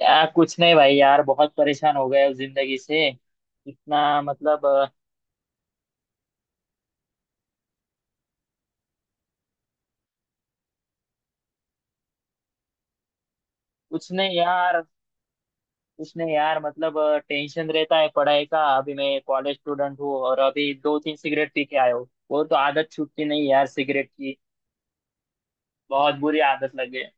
या कुछ नहीं भाई, यार बहुत परेशान हो गए उस जिंदगी से। इतना मतलब कुछ नहीं यार। कुछ नहीं यार, मतलब टेंशन रहता है पढ़ाई का। अभी मैं कॉलेज स्टूडेंट हूँ और अभी दो तीन सिगरेट पी के आया हूँ। वो तो आदत छूटती नहीं यार सिगरेट की। बहुत बुरी आदत लगी है।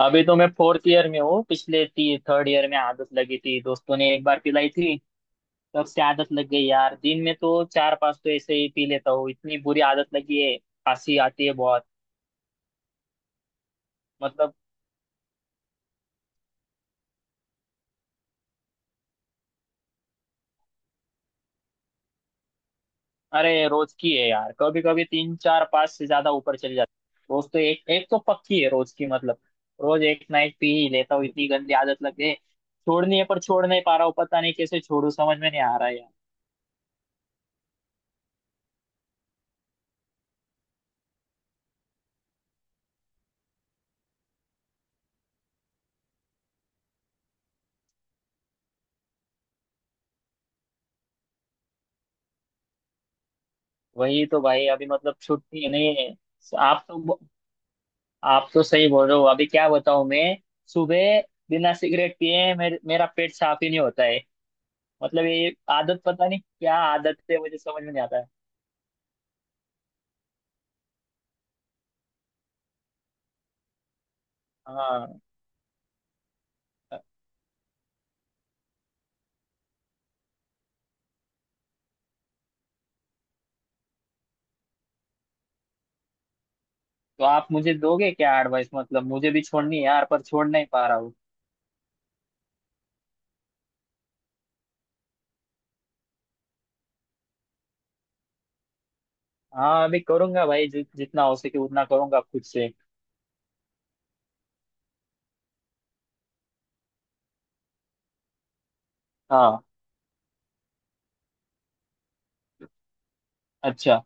अभी तो मैं फोर्थ ईयर में हूँ, पिछले ती थर्ड ईयर में आदत लगी थी, दोस्तों ने एक बार पिलाई थी। तब से आदत लग गई यार। दिन में तो चार पांच तो ऐसे ही पी लेता हूँ, इतनी बुरी आदत लगी है। खांसी आती है बहुत। मतलब अरे, रोज की है यार। कभी कभी तीन चार पांच से ज्यादा ऊपर चली जाती है। रोज तो एक एक तो पक्की है, रोज की मतलब। रोज एक ना एक पी ही लेता हूँ, इतनी गंदी आदत लग गई है। छोड़नी है पर छोड़ नहीं पा रहा हूँ, पता नहीं कैसे छोड़ू, समझ में नहीं आ रहा है यार। वही तो भाई, अभी मतलब छुट्टी है नहीं है। आप तो, आप तो सही बोल रहे हो। अभी क्या बताऊं मैं। सुबह बिना सिगरेट पिए मेरा पेट साफ ही नहीं होता है। मतलब ये आदत पता नहीं क्या आदत है, मुझे समझ में नहीं आता है। हाँ। तो आप मुझे दोगे क्या एडवाइस? मतलब मुझे भी छोड़नी है यार पर छोड़ नहीं पा रहा हूँ। हाँ अभी करूंगा भाई, जितना हो सके उतना करूंगा खुद से। हाँ। अच्छा।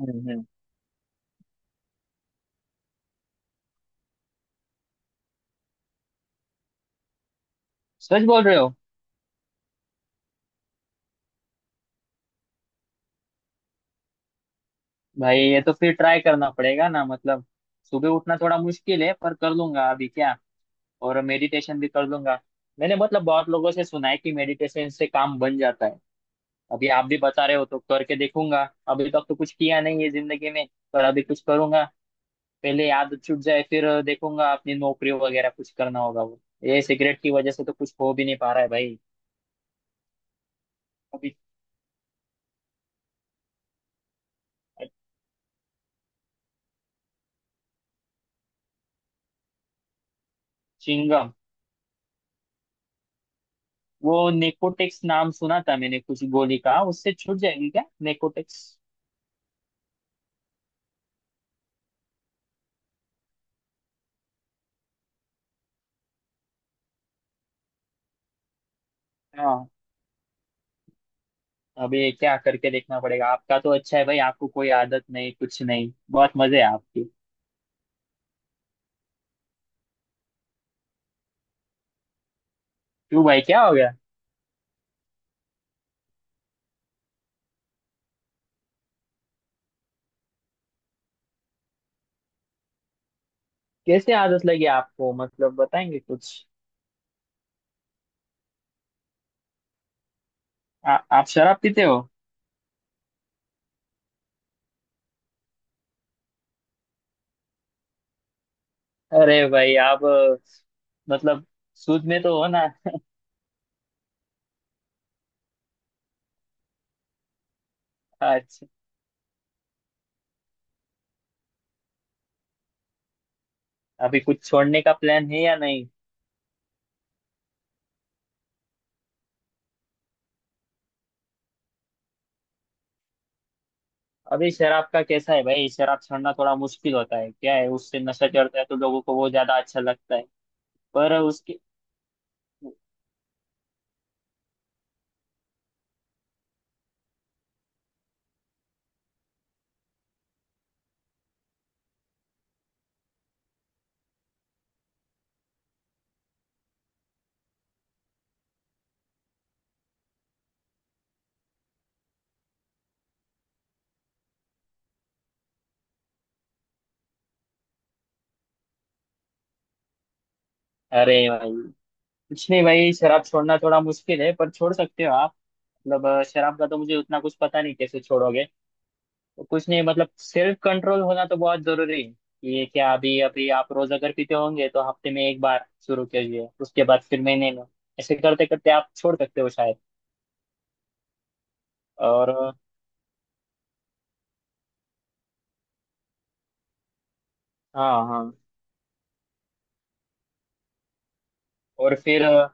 हम्म। सच बोल रहे हो? भाई ये तो फिर ट्राई करना पड़ेगा ना मतलब। सुबह उठना थोड़ा मुश्किल है पर कर लूंगा अभी क्या। और मेडिटेशन भी कर लूंगा। मैंने मतलब बहुत लोगों से सुना है कि मेडिटेशन से काम बन जाता है। अभी आप भी बता रहे हो तो करके देखूंगा। अभी तक तो कुछ किया नहीं है जिंदगी में। पर अभी कुछ करूंगा। पहले याद छूट जाए फिर देखूंगा, अपनी नौकरी वगैरह कुछ करना होगा वो, ये सिगरेट की वजह से तो कुछ हो भी नहीं पा रहा है भाई। अभी चिंगम, वो नेकोटेक्स नाम सुना था मैंने कुछ गोली का, उससे छूट जाएगी क्या नेकोटेक्स? हाँ। अभी क्या करके देखना पड़ेगा। आपका तो अच्छा है भाई, आपको कोई आदत नहीं, कुछ नहीं, बहुत मजे है आपकी। क्यों भाई क्या हो गया? कैसे आदत लगी आपको, मतलब बताएंगे कुछ? आप शराब पीते हो? अरे भाई आप मतलब सूद में तो हो ना? अच्छा। अभी कुछ छोड़ने का प्लान है या नहीं? अभी शराब का कैसा है भाई? शराब छोड़ना थोड़ा मुश्किल होता है क्या है, उससे नशा चढ़ता है तो लोगों को वो ज्यादा अच्छा लगता है। पर उसकी अरे भाई कुछ नहीं भाई, शराब छोड़ना थोड़ा मुश्किल है पर छोड़ सकते हो आप। मतलब शराब का तो मुझे उतना कुछ पता नहीं कैसे छोड़ोगे। तो कुछ नहीं मतलब सेल्फ कंट्रोल होना तो बहुत जरूरी है। ये क्या अभी अभी आप रोज अगर पीते होंगे तो हफ्ते में एक बार शुरू कीजिए, उसके बाद फिर महीने में, ऐसे करते करते आप छोड़ सकते हो शायद। और हाँ हाँ। और फिर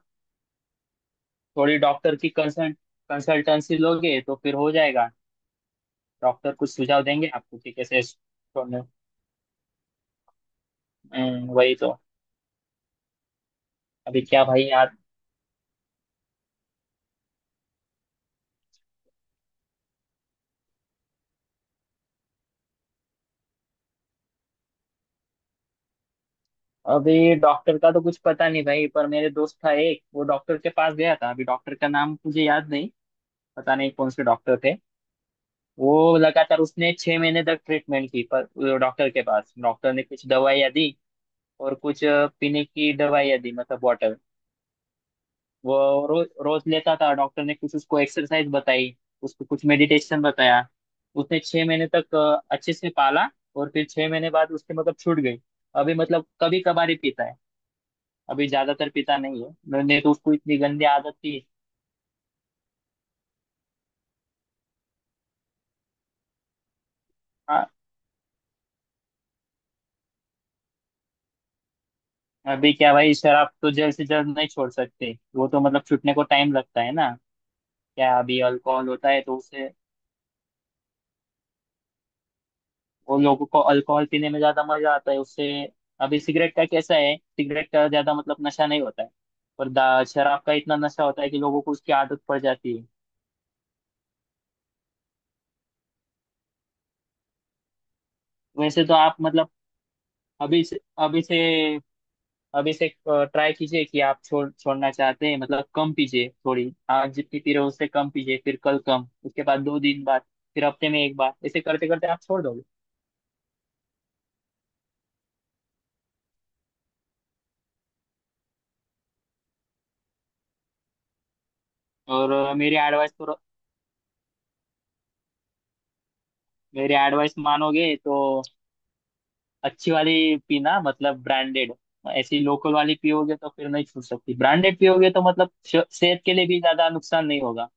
थोड़ी डॉक्टर की कंसल्टेंसी लोगे तो फिर हो जाएगा। डॉक्टर कुछ सुझाव देंगे आपको कि कैसे छोड़ने। वही तो। अभी क्या भाई यार। अभी डॉक्टर का तो कुछ पता नहीं भाई, पर मेरे दोस्त था एक, वो डॉक्टर के पास गया था। अभी डॉक्टर का नाम मुझे याद नहीं, पता नहीं कौन से डॉक्टर थे। वो लगातार उसने छह महीने तक ट्रीटमेंट की। पर वो डॉक्टर के पास, डॉक्टर ने कुछ दवाइयाँ दी और कुछ पीने की दवाइयाँ दी, मतलब वाटर। वो रोज लेता था। डॉक्टर ने कुछ उसको एक्सरसाइज बताई, उसको कुछ मेडिटेशन बताया। उसने छह महीने तक अच्छे से पाला। और फिर छह महीने बाद उसके मतलब छूट गई। अभी मतलब कभी कभार ही पीता है, अभी ज्यादातर पीता नहीं है। मैंने तो उसको इतनी गंदी आदत थी। हाँ, अभी क्या भाई, शराब तो जल्द से जल्द नहीं छोड़ सकते, वो तो मतलब छूटने को टाइम लगता है ना। क्या अभी अल्कोहल होता है तो उससे, और लोगों को अल्कोहल पीने में ज्यादा मजा आता है उससे। अभी सिगरेट का कैसा है, सिगरेट का ज्यादा मतलब नशा नहीं होता है, पर शराब का इतना नशा होता है कि लोगों को उसकी आदत पड़ जाती है। वैसे तो आप मतलब अभी से अभी से अभी से ट्राई कीजिए कि आप छोड़ना चाहते हैं। मतलब कम पीजिए थोड़ी, आज जितनी पी रहे हो उससे कम पीजिए, फिर कल कम, उसके बाद दो दिन बाद, फिर हफ्ते में एक बार, ऐसे करते करते आप छोड़ दोगे। और मेरी एडवाइस तो, मेरी एडवाइस मानोगे तो अच्छी वाली पीना, मतलब ब्रांडेड। ऐसी लोकल वाली पियोगे तो फिर नहीं छूट सकती। ब्रांडेड पियोगे तो मतलब सेहत के लिए भी ज्यादा नुकसान नहीं होगा।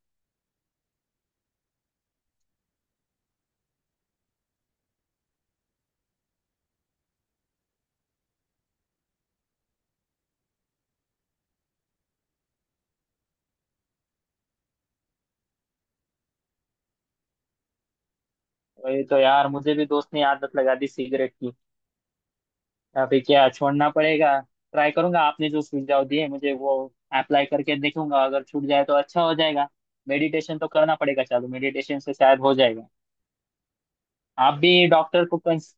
वही तो यार, मुझे भी दोस्त ने आदत लगा दी सिगरेट की। अभी क्या छोड़ना पड़ेगा। ट्राई करूंगा, आपने जो सुझाव दिए मुझे वो अप्लाई करके देखूंगा, अगर छूट जाए तो अच्छा हो जाएगा। मेडिटेशन तो करना पड़ेगा चालू, मेडिटेशन से शायद हो जाएगा। आप भी डॉक्टर को कंस-।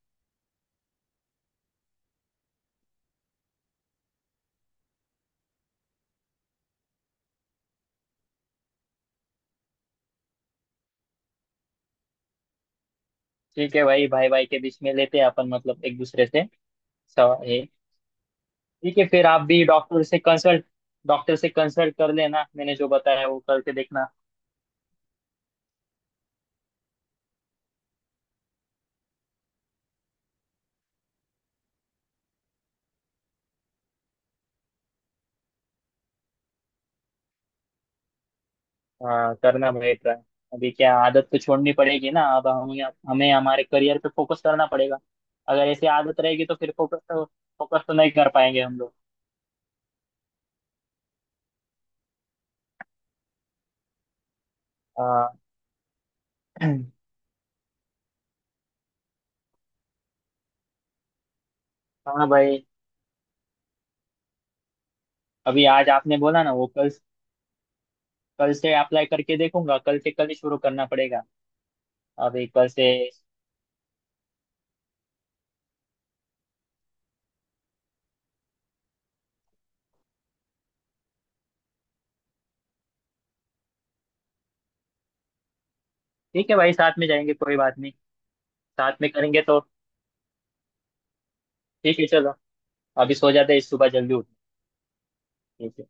ठीक है भाई, भाई भाई के बीच में लेते हैं अपन, मतलब एक दूसरे से। सवा- ये। ठीक है फिर, आप भी डॉक्टर से कंसल्ट कर लेना, मैंने जो बताया वो करके देखना। हाँ करना भाई ट्राई। अभी क्या आदत तो छोड़नी पड़ेगी ना अब हमें। हमें हमारे करियर पे फोकस करना पड़ेगा। अगर ऐसी आदत रहेगी तो फिर फोकस तो नहीं कर पाएंगे हम लोग। हाँ। हाँ भाई। अभी आज आपने बोला ना वो कल, कल से अप्लाई करके देखूंगा। कल से, कल ही शुरू करना पड़ेगा। अभी कल से। ठीक है भाई, साथ में जाएंगे कोई बात नहीं। साथ में करेंगे तो। ठीक है, चलो। अभी सो जाते हैं, सुबह जल्दी उठ। ठीक है।